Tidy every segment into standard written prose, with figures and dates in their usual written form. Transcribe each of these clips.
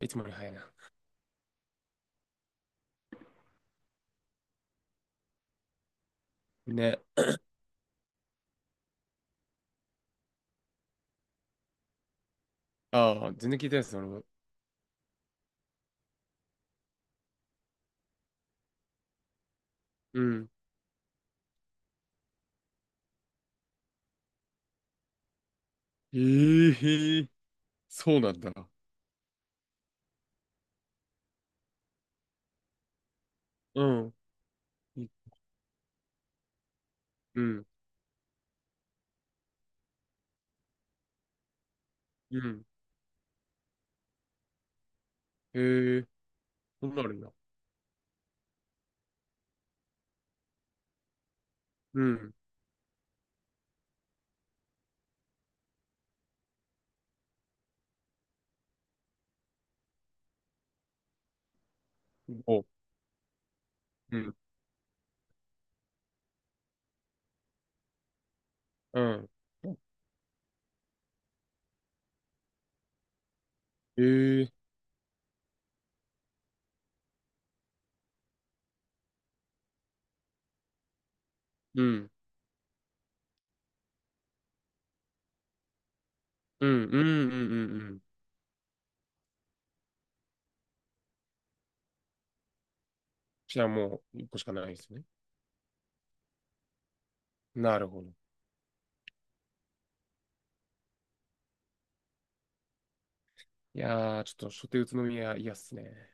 いつもより早いな。ね。ああ、全然聞いてないです、俺も。うん。ええー、そうなんだ。うん。いうん。うん。ええー、そんなのあるんだ。うん。お、うん。うん。ええー。うん。うん。うん。うん。うん。うん。じゃあもう、一個しかないですね。なるほど。いやー、ちょっと、初手宇都宮、嫌っすね。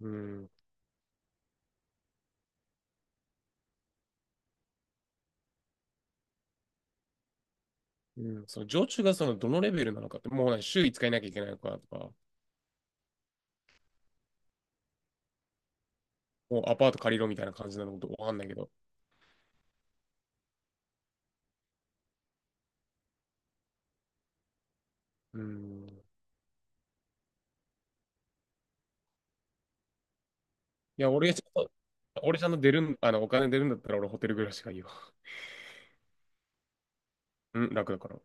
うん。うん。その、常駐がその、どのレベルなのかって、もう、週5日いなきゃいけないのかとか、もうアパート借りろみたいな感じなのかわかんないけど。うん。いや、俺ちゃんと出るん、お金出るんだったら俺ホテル暮らしがいいわ。うん、楽だから。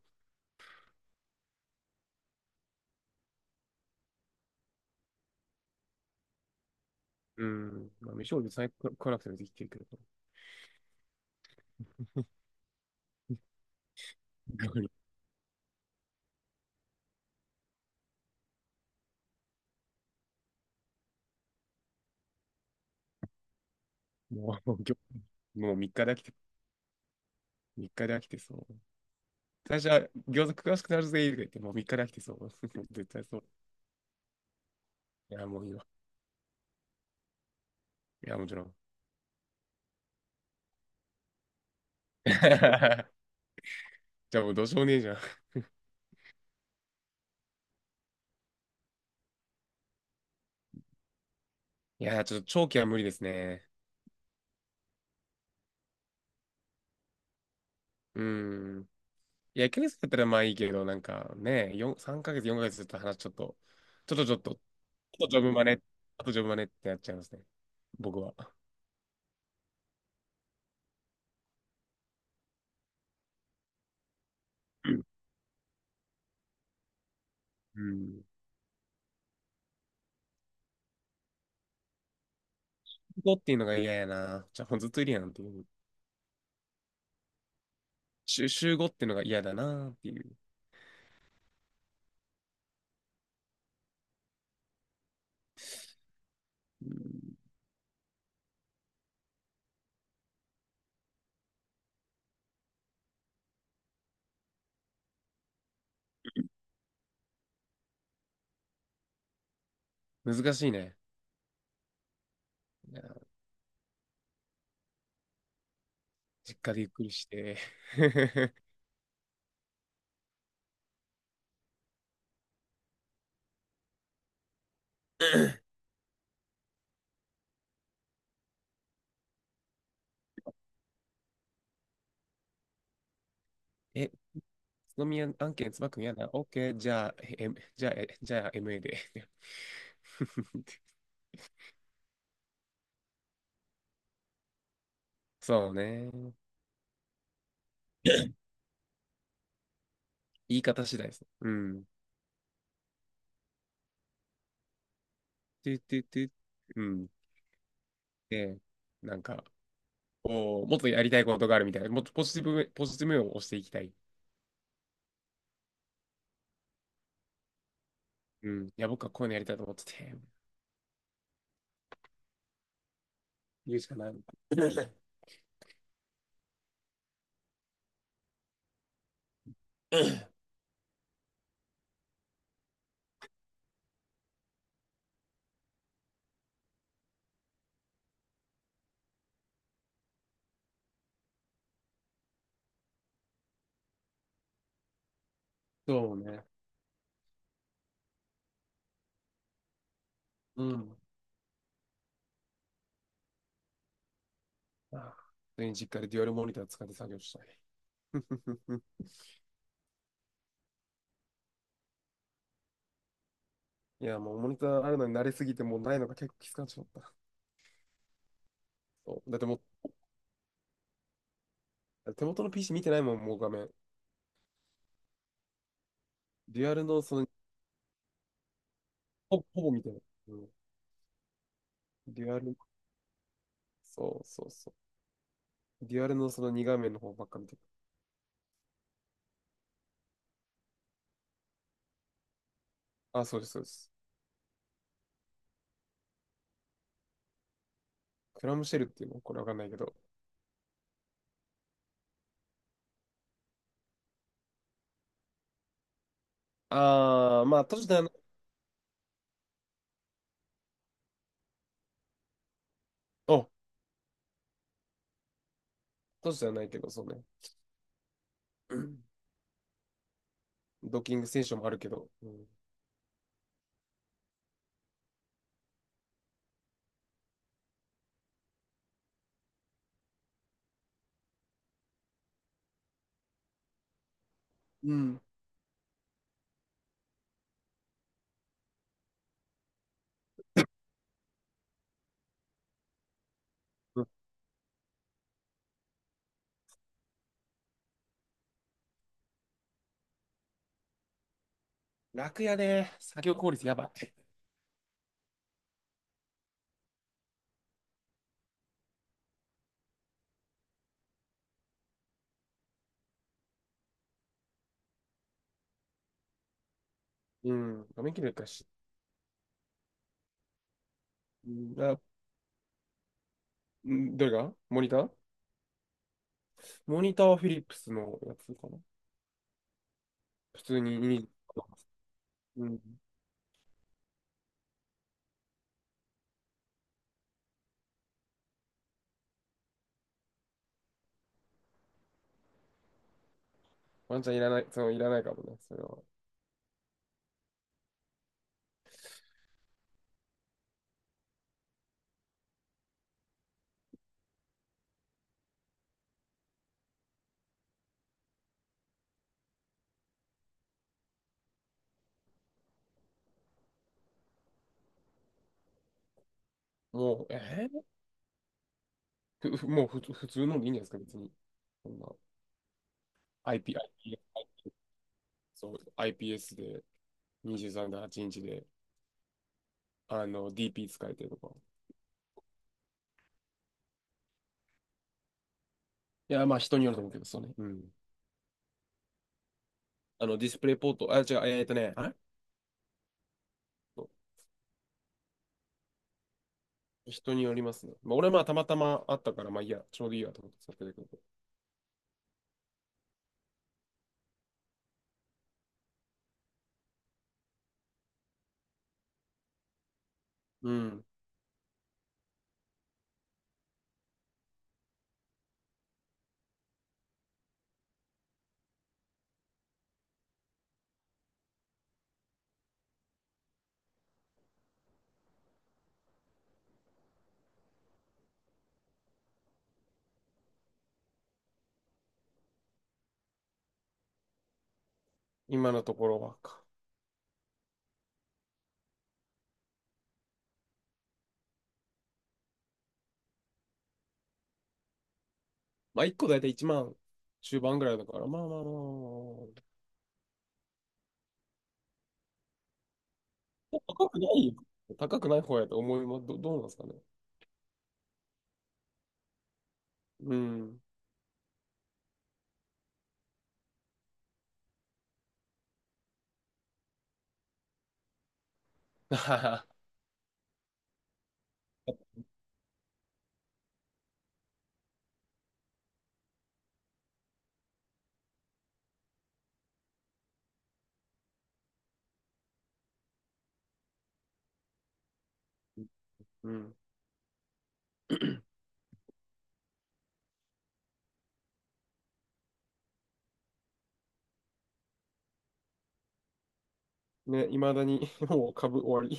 うん。まあ、飯を別に食わなくてもできてるけど。逆に もう、もう、ぎょもう3日で飽きてそう。最初は餃子詳しくなるぜ、とか言って、もう3日で飽きてそう。絶対そう。いや、もういいわ。いや、もちろん。じゃあもうどうしようもねえじゃん。いや、ちょっと長期は無理ですね。うん。いや、1ヶ月だったらまあいいけど、なんかね、4、3ヶ月、4ヶ月ずっと話ちょっと、ちょっとあとジョブマネ、あとジョブマネってやっちゃいますね。僕は。うん。うん。5っていうのが嫌やな。じゃあ、ずっといるやんっていう。週5っていうのが嫌だなっていう。うん、難しいね。いや、実家でゆっくりして。え、津宮案件、つばくん嫌だ。OK、じゃあ、じゃあ、じゃあ MA で。そうね。言い方次第です。うん。トゥトゥトゥ。うん。で、なんか、こうもっとやりたいことがあるみたいな、もっとポジティブ、ポジティブ面を押していきたい。うん。いや、僕はこういうのやりたいと思ってて、言うしかない。そうね。うん。ああ、普通に実家でデュアルモニター使って作業したい。いや、もうモニターあるのに慣れすぎて、もうないのが結構きつくなっちまった。そう。だってもう、手元の PC 見てないもん、もう画面。デュアルのその、ほぼ見てない。うん。デュアル、そうそうそう。デュアルのその2画面の方ばっか見てる。あ、そうです、そうです。クラムシェルっていうのこれわかんないけど、ああ、まあ、都市ではない、お、都市ではないけど、そうね。うん。ドッキングステーションもあるけど。うん。うん。うん。楽やね。作業効率やばい。うん。画面切れるかし。うん。あ、うん。どれがモニターモニターはフィリップスのやつかな。普通にいい。うん。ワンちゃんいらない、いらないかもね、それは。もう、ふふもうふつ普通のでいいんじゃないですか、別に。そんな IP、アイピー、そう、IPS で23.8インチで、DP 使えてとか。いや、まあ人によると思うけど、そうね。うん。ディスプレイポート、あ、違う、あれ、人によりますね。まあ、俺はまあたまたまあったから、まあいいや、ちょうどいいやと思って使ってるけど。うん。今のところはか。まあ1個だいたい1万中盤ぐらいだから、まあまあまあまあまあ。高くないよ。高くない方やと思います。どうなんですかね。うん。うん。ね、いまだに もう株終わり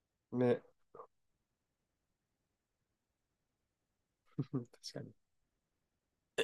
ね、確かに。